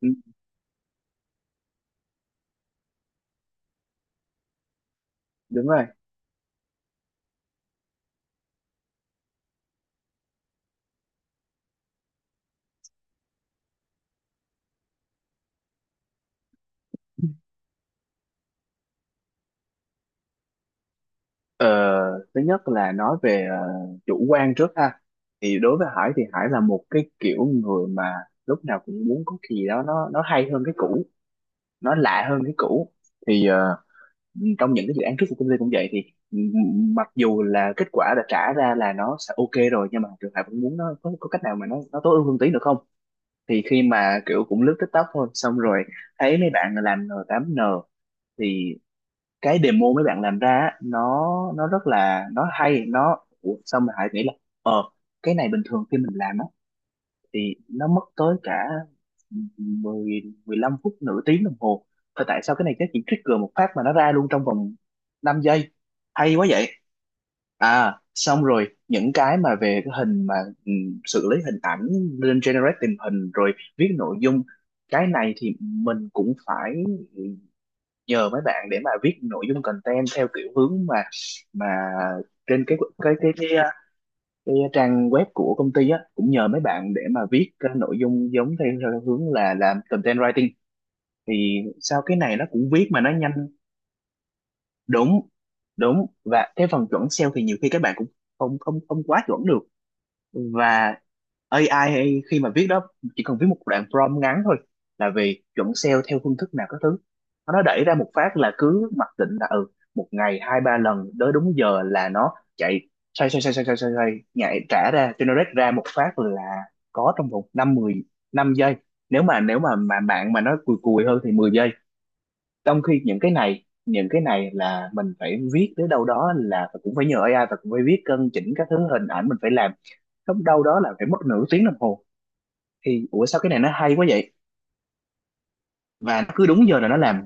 Ừ, đúng rồi. ờ, Thứ nhất là nói về chủ quan trước ha. Thì đối với Hải thì Hải là một cái kiểu người mà lúc nào cũng muốn có cái gì đó nó hay hơn cái cũ, nó lạ hơn cái cũ. Thì trong những cái dự án trước của công ty cũng vậy, thì mặc dù là kết quả đã trả ra là nó sẽ ok rồi, nhưng mà trường Hải vẫn muốn nó có cách nào mà nó tối ưu hơn tí nữa không. Thì khi mà kiểu cũng lướt TikTok thôi, xong rồi thấy mấy bạn làm N8N, cái demo mấy bạn làm ra á, nó rất là nó hay. Nó, ủa, sao mình lại nghĩ là ờ cái này bình thường khi mình làm á thì nó mất tới cả 10 15 phút, nửa tiếng đồng hồ. Thôi tại sao cái này cái chỉ trigger một phát mà nó ra luôn trong vòng 5 giây, hay quá vậy. À xong rồi những cái mà về cái hình mà, ừ, xử lý hình ảnh lên generate tình hình rồi viết nội dung, cái này thì mình cũng phải nhờ mấy bạn để mà viết nội dung content theo kiểu hướng mà trên cái trang web của công ty á, cũng nhờ mấy bạn để mà viết cái nội dung giống theo hướng là làm content writing. Thì sau cái này nó cũng viết mà nó nhanh. Đúng, và cái phần chuẩn SEO thì nhiều khi các bạn cũng không không không quá chuẩn được. Và AI khi mà viết đó chỉ cần viết một đoạn prompt ngắn thôi, là về chuẩn sale theo phương thức nào các thứ, nó đẩy ra một phát là cứ mặc định là ừ, một ngày hai ba lần tới đúng giờ là nó chạy. Xoay nhảy trả ra generate ra một phát là có trong vòng 5 10 5 giây, nếu mà nếu mà bạn mà nó cùi cùi hơn thì 10 giây. Trong khi những cái này là mình phải viết tới đâu đó là cũng phải nhờ AI, và cũng phải viết cân chỉnh các thứ, hình ảnh mình phải làm lúc đâu đó là phải mất nửa tiếng đồng hồ. Thì ủa sao cái này nó hay quá vậy, và nó cứ đúng giờ là nó làm.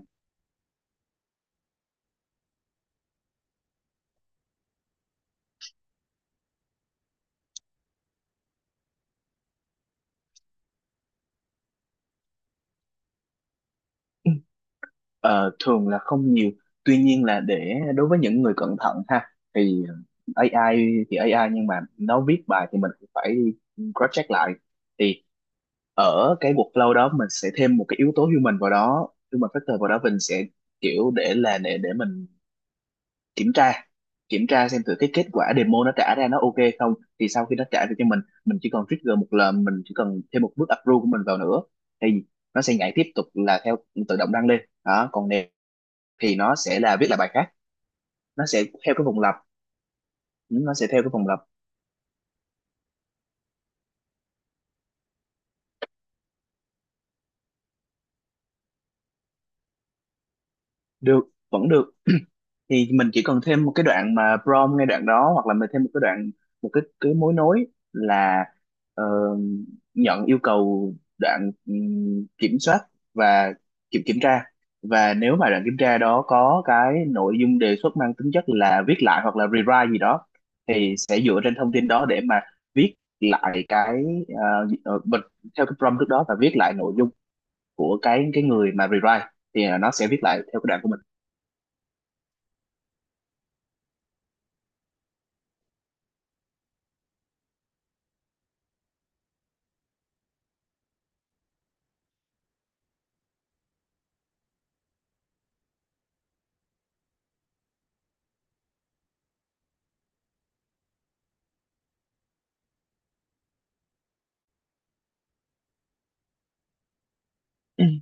Ờ, thường là không nhiều. Tuy nhiên là để đối với những người cẩn thận ha, thì AI nhưng mà nó viết bài thì mình cũng phải cross check lại. Thì ở cái workflow đó mình sẽ thêm một cái yếu tố human vào đó, human factor vào đó, mình sẽ kiểu để là để mình kiểm tra, xem thử cái kết quả demo nó trả ra nó ok không. Thì sau khi nó trả được cho mình chỉ cần trigger một lần, mình chỉ cần thêm một bước approve của mình vào nữa, thì nó sẽ nhảy tiếp tục là theo, tự động đăng lên. Đó còn nếu thì nó sẽ là viết lại bài khác, nó sẽ theo cái vòng lặp, nó sẽ theo cái vòng lặp được, vẫn được. Thì mình chỉ cần thêm một cái đoạn mà prompt ngay đoạn đó, hoặc là mình thêm một cái đoạn, một cái mối nối là, ờ, nhận yêu cầu, đoạn kiểm soát, và kiểm kiểm tra. Và nếu mà đoạn kiểm tra đó có cái nội dung đề xuất mang tính chất là viết lại hoặc là rewrite gì đó, thì sẽ dựa trên thông tin đó để mà viết lại cái bật theo cái prompt trước đó, và viết lại nội dung của cái người mà rewrite. Thì nó sẽ viết lại theo cái đoạn của mình.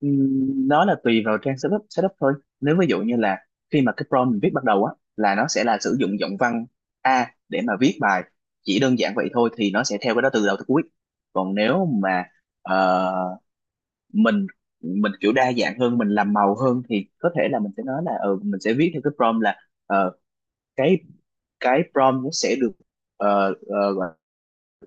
Nó là tùy vào trang setup setup thôi. Nếu ví dụ như là khi mà cái prompt mình viết bắt đầu á, là nó sẽ là sử dụng giọng văn A để mà viết bài, chỉ đơn giản vậy thôi thì nó sẽ theo cái đó từ đầu tới cuối. Còn nếu mà ờ, mình mình kiểu đa dạng hơn, mình làm màu hơn, thì có thể là mình sẽ nói là ừ, mình sẽ viết theo cái prompt là, ờ, cái cái prompt nó sẽ được uh,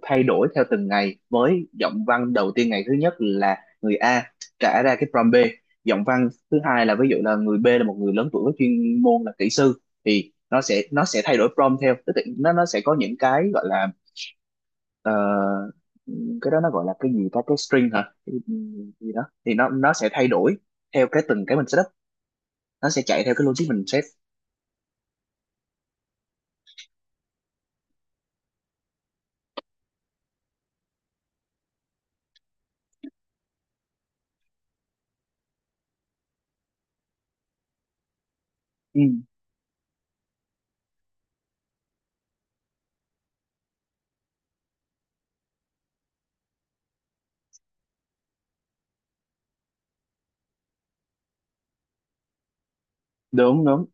thay đổi theo từng ngày, với giọng văn đầu tiên ngày thứ nhất là người A, trả ra cái prompt B, giọng văn thứ hai là ví dụ là người B là một người lớn tuổi có chuyên môn là kỹ sư, thì nó sẽ thay đổi prompt theo, tức là nó sẽ có những cái gọi là, ờ, cái đó nó gọi là cái gì ta, cái string hả, cái gì đó, thì nó sẽ thay đổi theo cái từng cái mình setup, nó sẽ chạy theo cái logic mình set. Ừ, đúng,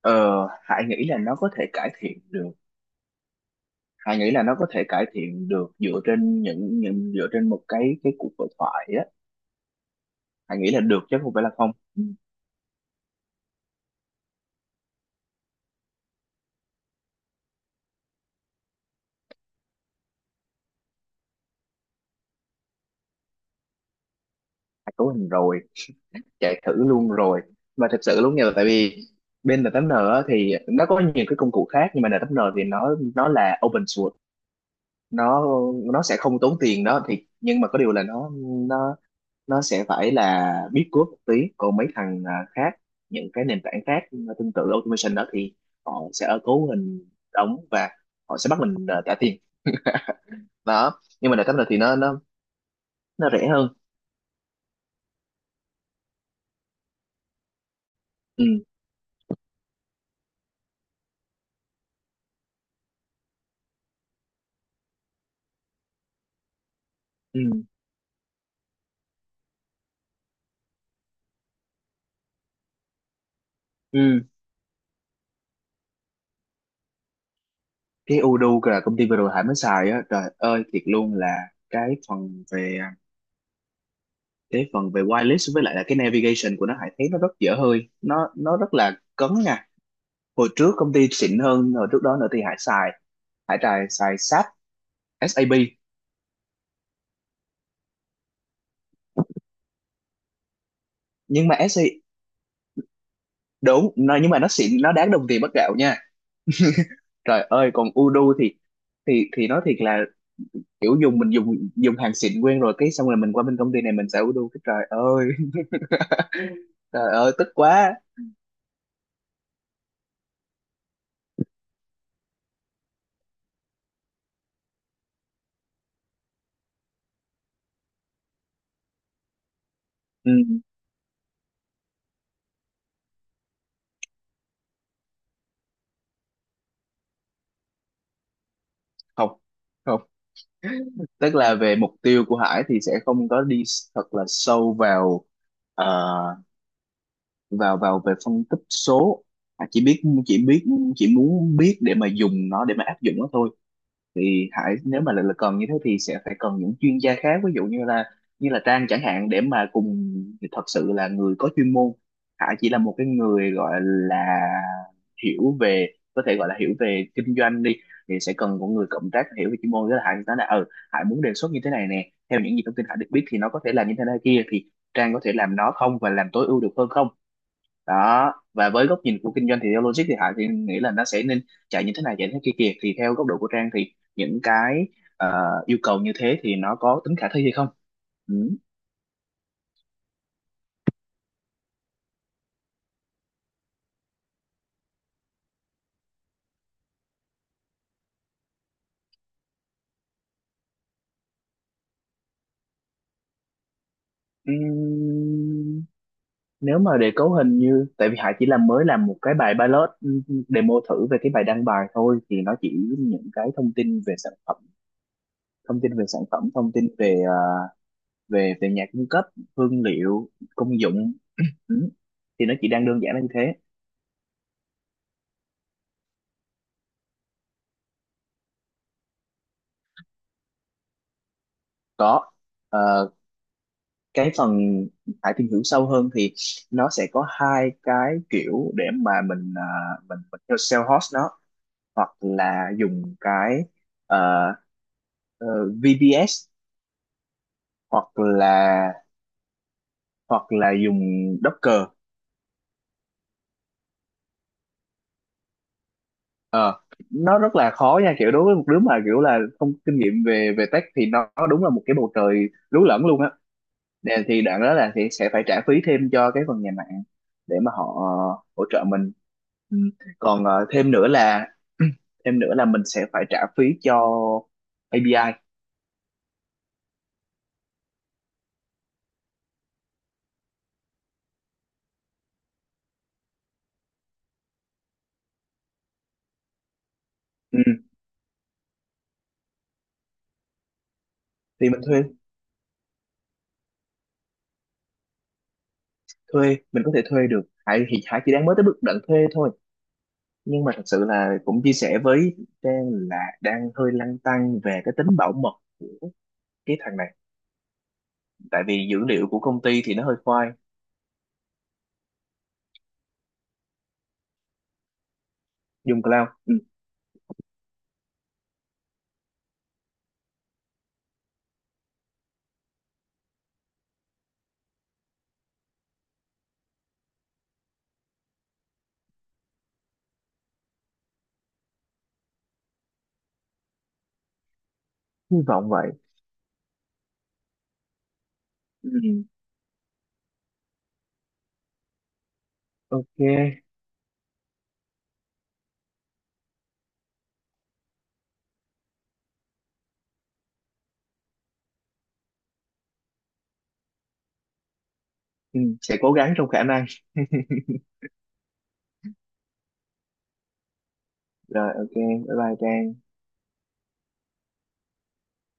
ờ, Hải nghĩ là nó có thể cải thiện được, Hà nghĩ là nó có thể cải thiện được dựa trên dựa trên một cái cuộc hội thoại á. Hà nghĩ là được chứ không phải là không. Hà cấu hình rồi, chạy thử luôn rồi, mà thật sự luôn nha. Tại vì bên N8N á, thì nó có nhiều cái công cụ khác, nhưng mà N8N thì nó là open source, nó sẽ không tốn tiền đó. Thì nhưng mà có điều là nó nó sẽ phải là biết code một tí. Còn mấy thằng khác, những cái nền tảng khác, tương tự automation đó, thì họ sẽ ở cấu hình đóng, và họ sẽ bắt mình trả tiền. Đó nhưng mà đợt này thì nó rẻ hơn. Ừ, ừ, ừ. Cái udo là công ty vừa rồi Hải mới xài á, trời ơi thiệt luôn là cái phần về cái phần về wireless với lại là cái navigation của nó, Hải thấy nó rất dở hơi, nó rất là cấn nha. Hồi trước công ty xịn hơn hồi trước đó nữa thì Hải trài xài SAP, SAP, nhưng mà SC. Đúng nó, nhưng mà nó xịn, nó đáng đồng tiền bát gạo nha. Trời ơi còn Udu thì thì nói thiệt là kiểu dùng, mình dùng dùng hàng xịn quen rồi, cái xong rồi mình qua bên công ty này mình xài Udu cái trời ơi. Trời ơi tức quá. Ừ, không, không, tức là về mục tiêu của Hải thì sẽ không có đi thật là sâu vào ờ, vào vào về phân tích số. Hải chỉ biết, chỉ muốn biết để mà dùng nó, để mà áp dụng nó thôi. Thì Hải nếu mà lại là cần như thế, thì sẽ phải cần những chuyên gia khác, ví dụ như là Trang chẳng hạn, để mà cùng, thật sự là người có chuyên môn. Hải chỉ là một cái người gọi là hiểu về, có thể gọi là hiểu về kinh doanh đi, thì sẽ cần một người cộng tác hiểu về chuyên môn. Với là Hải nói là ừ, Hải muốn đề xuất như thế này nè, theo những gì thông tin Hải được biết thì nó có thể làm như thế này kia, thì Trang có thể làm nó không và làm tối ưu được hơn không. Đó, và với góc nhìn của kinh doanh thì theo logic thì Hải thì nghĩ là nó sẽ nên chạy như thế này chạy thế kia kìa, thì theo góc độ của Trang thì những cái ờ, yêu cầu như thế thì nó có tính khả thi hay không. Ừ. Ừm, Nếu mà để cấu hình như, tại vì Hải chỉ làm, mới làm một cái bài pilot, demo thử về cái bài đăng bài thôi, thì nó chỉ những cái thông tin về sản phẩm, thông tin về sản phẩm, thông tin về về về nhà cung cấp, hương liệu, công dụng, ừ. Thì nó chỉ đang đơn giản là như thế. Có, ờ, cái phần phải tìm hiểu sâu hơn thì nó sẽ có hai cái kiểu để mà mình mình theo sale host nó, hoặc là dùng cái ờ, ờ, VBS, hoặc là dùng Docker. Ờ, nó rất là khó nha, kiểu đối với một đứa mà kiểu là không kinh nghiệm về về tech thì nó đúng là một cái bầu trời lú lẫn luôn á. Thì đoạn đó là thì sẽ phải trả phí thêm cho cái phần nhà mạng, để mà họ hỗ trợ mình. Ừ. Còn thêm nữa là thêm nữa là mình sẽ phải trả phí cho API. Ừ. Thì mình thuê thuê, mình có thể thuê được. Hải thì Hải chỉ đang mới tới bước đoạn thuê thôi. Nhưng mà thật sự là cũng chia sẻ với Trang là đang hơi lăn tăn về cái tính bảo mật của cái thằng này, tại vì dữ liệu của công ty thì nó hơi khoai. Dùng cloud, ừ. Hy vọng vậy. Ừ. Ok. Ừ, sẽ cố gắng trong khả năng. Rồi, ok, bye bye Trang.